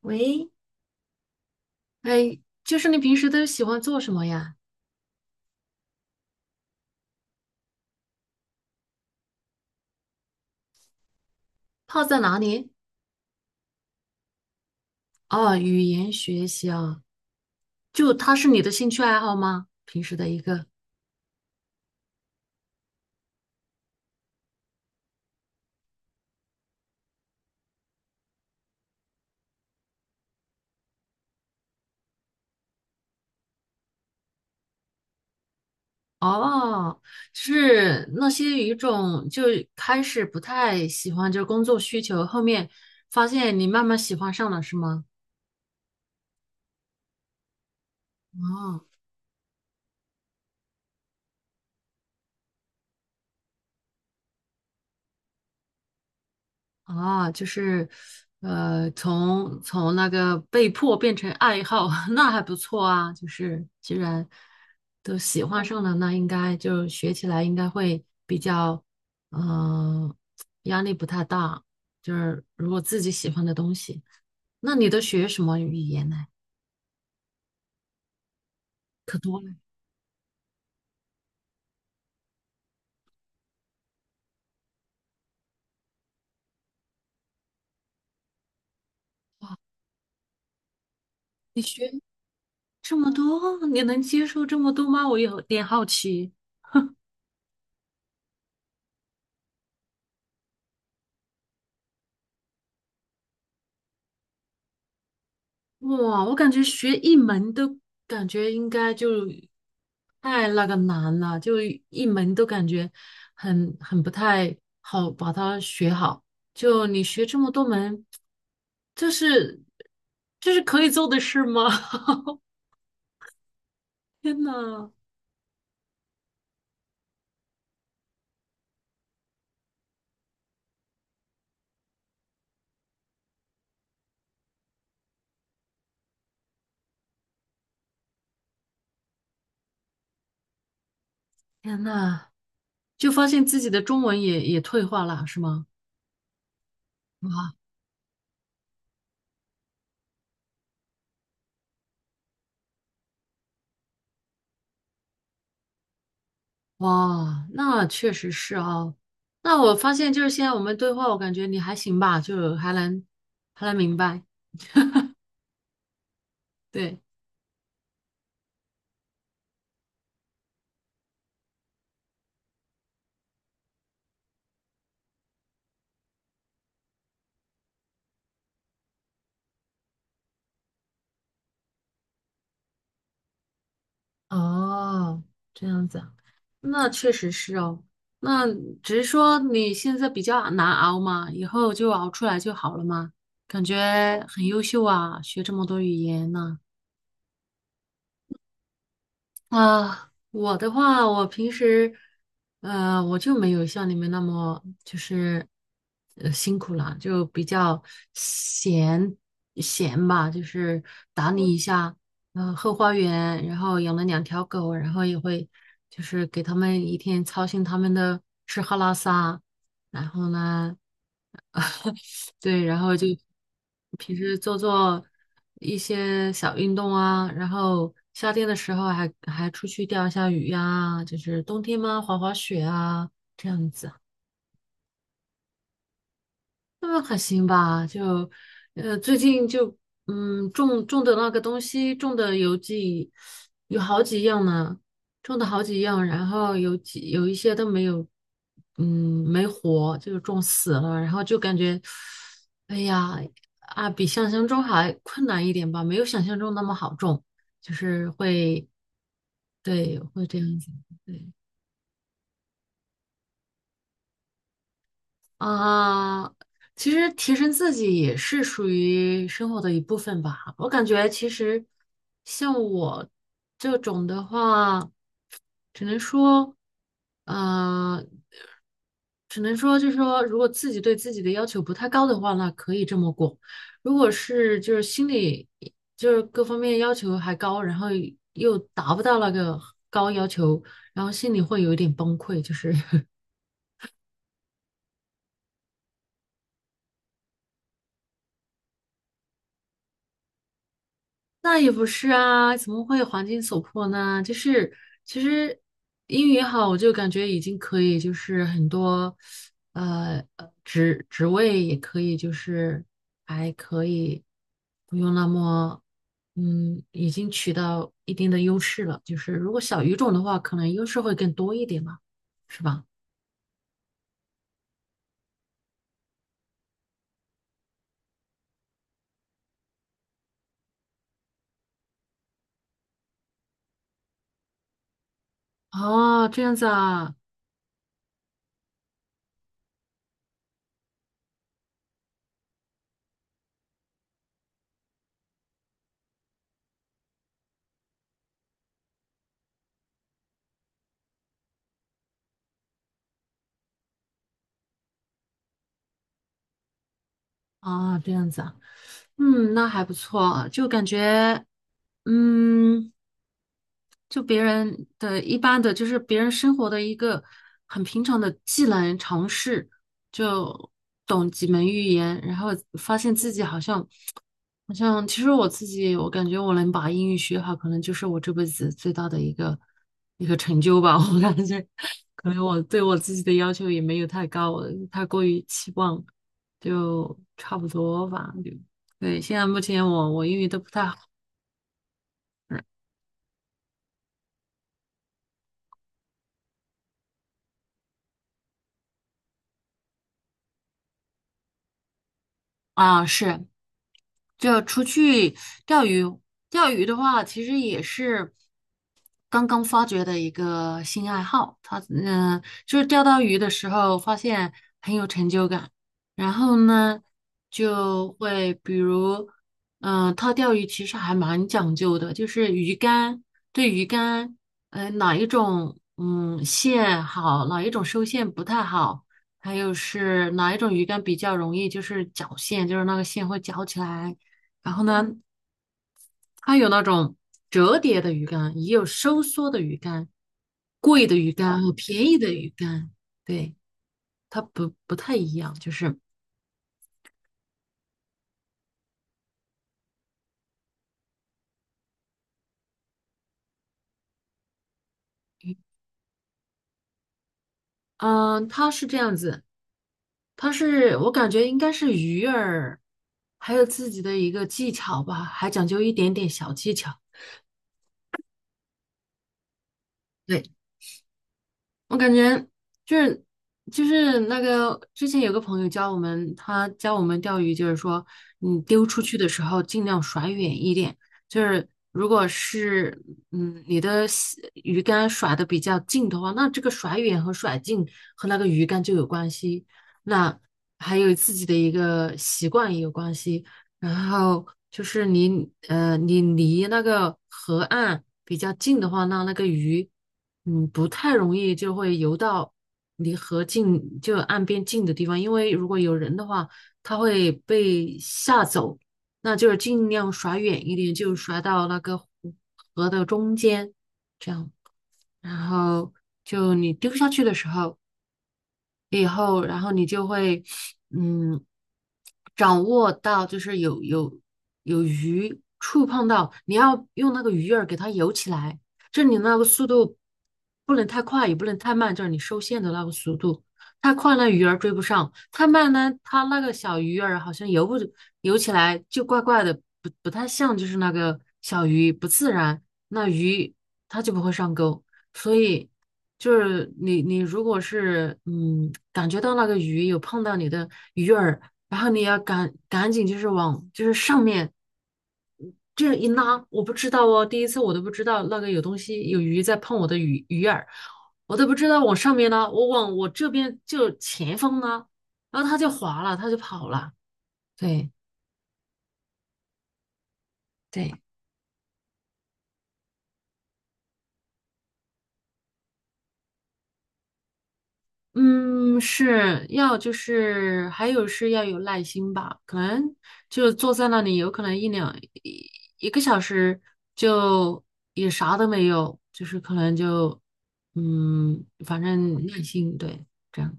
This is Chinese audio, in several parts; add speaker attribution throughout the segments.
Speaker 1: 喂，哎，就是你平时都喜欢做什么呀？泡在哪里？哦，语言学习啊，就它是你的兴趣爱好吗？平时的一个。哦，是那些语种就开始不太喜欢，就是工作需求，后面发现你慢慢喜欢上了，是吗？哦。啊，就是，从那个被迫变成爱好，那还不错啊。就是既然都喜欢上了，那应该就学起来应该会比较，嗯、压力不太大。就是如果自己喜欢的东西，那你都学什么语言呢？可多了，你学这么多，你能接受这么多吗？我有点好奇。哇，我感觉学一门都感觉应该就太那个难了，就一门都感觉很不太好把它学好。就你学这么多门，这是这是可以做的事吗？天呐，天呐，就发现自己的中文也退化了，是吗？哇，哇，那确实是哦。那我发现就是现在我们对话，我感觉你还行吧，就还能明白。对，哦，这样子啊，那确实是哦。那只是说你现在比较难熬嘛，以后就熬出来就好了嘛。感觉很优秀啊，学这么多语言呢、啊，我的话，我平时，我就没有像你们那么就是，辛苦了，就比较闲闲吧，就是打理一下，后花园，然后养了两条狗，然后也会就是给他们一天操心他们的吃喝拉撒，然后呢。对，然后就平时做做一些小运动啊，然后夏天的时候还出去钓一下鱼呀、就是冬天嘛滑滑雪啊这样子。那还行吧，就，最近就，种的那个东西，种的有几，有好几样呢，种的好几样，然后有几有一些都没有，嗯，没活，就是种死了，然后就感觉，哎呀，啊，比想象中还困难一点吧，没有想象中那么好种，就是会，对，会这样子，对。啊，其实提升自己也是属于生活的一部分吧。我感觉其实像我这种的话，只能说，呃，只能说就是说，如果自己对自己的要求不太高的话，那可以这么过。如果是就是心里就是各方面要求还高，然后又达不到那个高要求，然后心里会有一点崩溃，就是 那也不是啊，怎么会环境所迫呢？就是其实英语好，我就感觉已经可以，就是很多职位也可以，就是还可以不用那么已经取到一定的优势了。就是如果小语种的话，可能优势会更多一点吧，是吧？哦，这样子啊，啊，这样子啊，那还不错，就感觉嗯。就别人的一般的，就是别人生活的一个很平常的技能尝试，就懂几门语言，然后发现自己好像其实我自己，我感觉我能把英语学好，可能就是我这辈子最大的一个成就吧。我感觉，可能我对我自己的要求也没有太高，我太过于期望，就差不多吧。就对，现在目前我英语都不太好啊，是。就出去钓鱼，钓鱼的话，其实也是，刚刚发掘的一个新爱好，他就是钓到鱼的时候发现很有成就感，然后呢就会比如，他钓鱼其实还蛮讲究的，就是鱼竿对鱼竿，哪一种线好，哪一种收线不太好，还有是哪一种鱼竿比较容易就是绞线，就是那个线会绞起来，然后呢它有那种折叠的鱼竿，也有收缩的鱼竿，贵的鱼竿和便宜的鱼竿，对，它不太一样，就是，嗯，它是这样子，它是我感觉应该是鱼儿还有自己的一个技巧吧，还讲究一点点小技巧，对。我感觉就是就是那个之前有个朋友教我们，他教我们钓鱼，就是说你丢出去的时候尽量甩远一点，就是如果是你的西鱼竿甩的比较近的话，那这个甩远和甩近和那个鱼竿就有关系，那还有自己的一个习惯也有关系，然后就是你离那个河岸比较近的话，那个鱼。不太容易就会游到离河近，就岸边近的地方，因为如果有人的话，他会被吓走。那就是尽量甩远一点，就甩到那个湖河的中间，这样。然后就你丢下去的时候，以后，然后你就会，嗯，掌握到就是有鱼触碰到，你要用那个鱼饵给它游起来，就是你那个速度不能太快，也不能太慢，就是你收线的那个速度。太快了，鱼儿追不上；太慢呢，它那个小鱼儿好像游不游起来就怪怪的，不太像就是那个小鱼，不自然。那鱼它就不会上钩，所以。就是你如果是感觉到那个鱼有碰到你的鱼饵，然后你要赶紧就是往就是上面这样一拉，我不知道哦，第一次我都不知道那个有东西有鱼在碰我的鱼饵，我都不知道往上面拉，我往我这边就前方拉，然后它就滑了，它就跑了，对，对。嗯，是要就是还有是要有耐心吧，可能就坐在那里，有可能一两一一个小时就也啥都没有，就是可能就反正耐心对这样，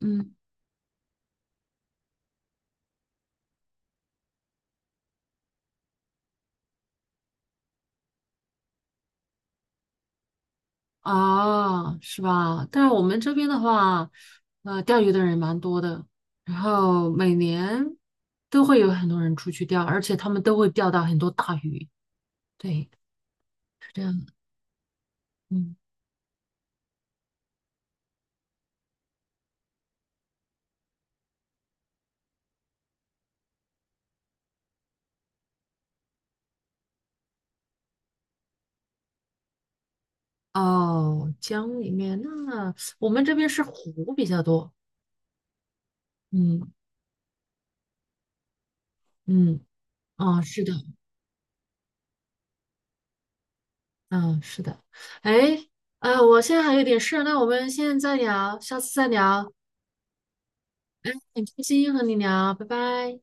Speaker 1: 嗯是吧？但是我们这边的话，钓鱼的人蛮多的，然后每年都会有很多人出去钓，而且他们都会钓到很多大鱼，对，是这样，嗯。哦，江里面那我们这边是湖比较多，嗯，嗯，哦，是的，嗯，是的，哎，我现在还有点事，那我们现在再聊，下次再聊，很开心和你聊，拜拜。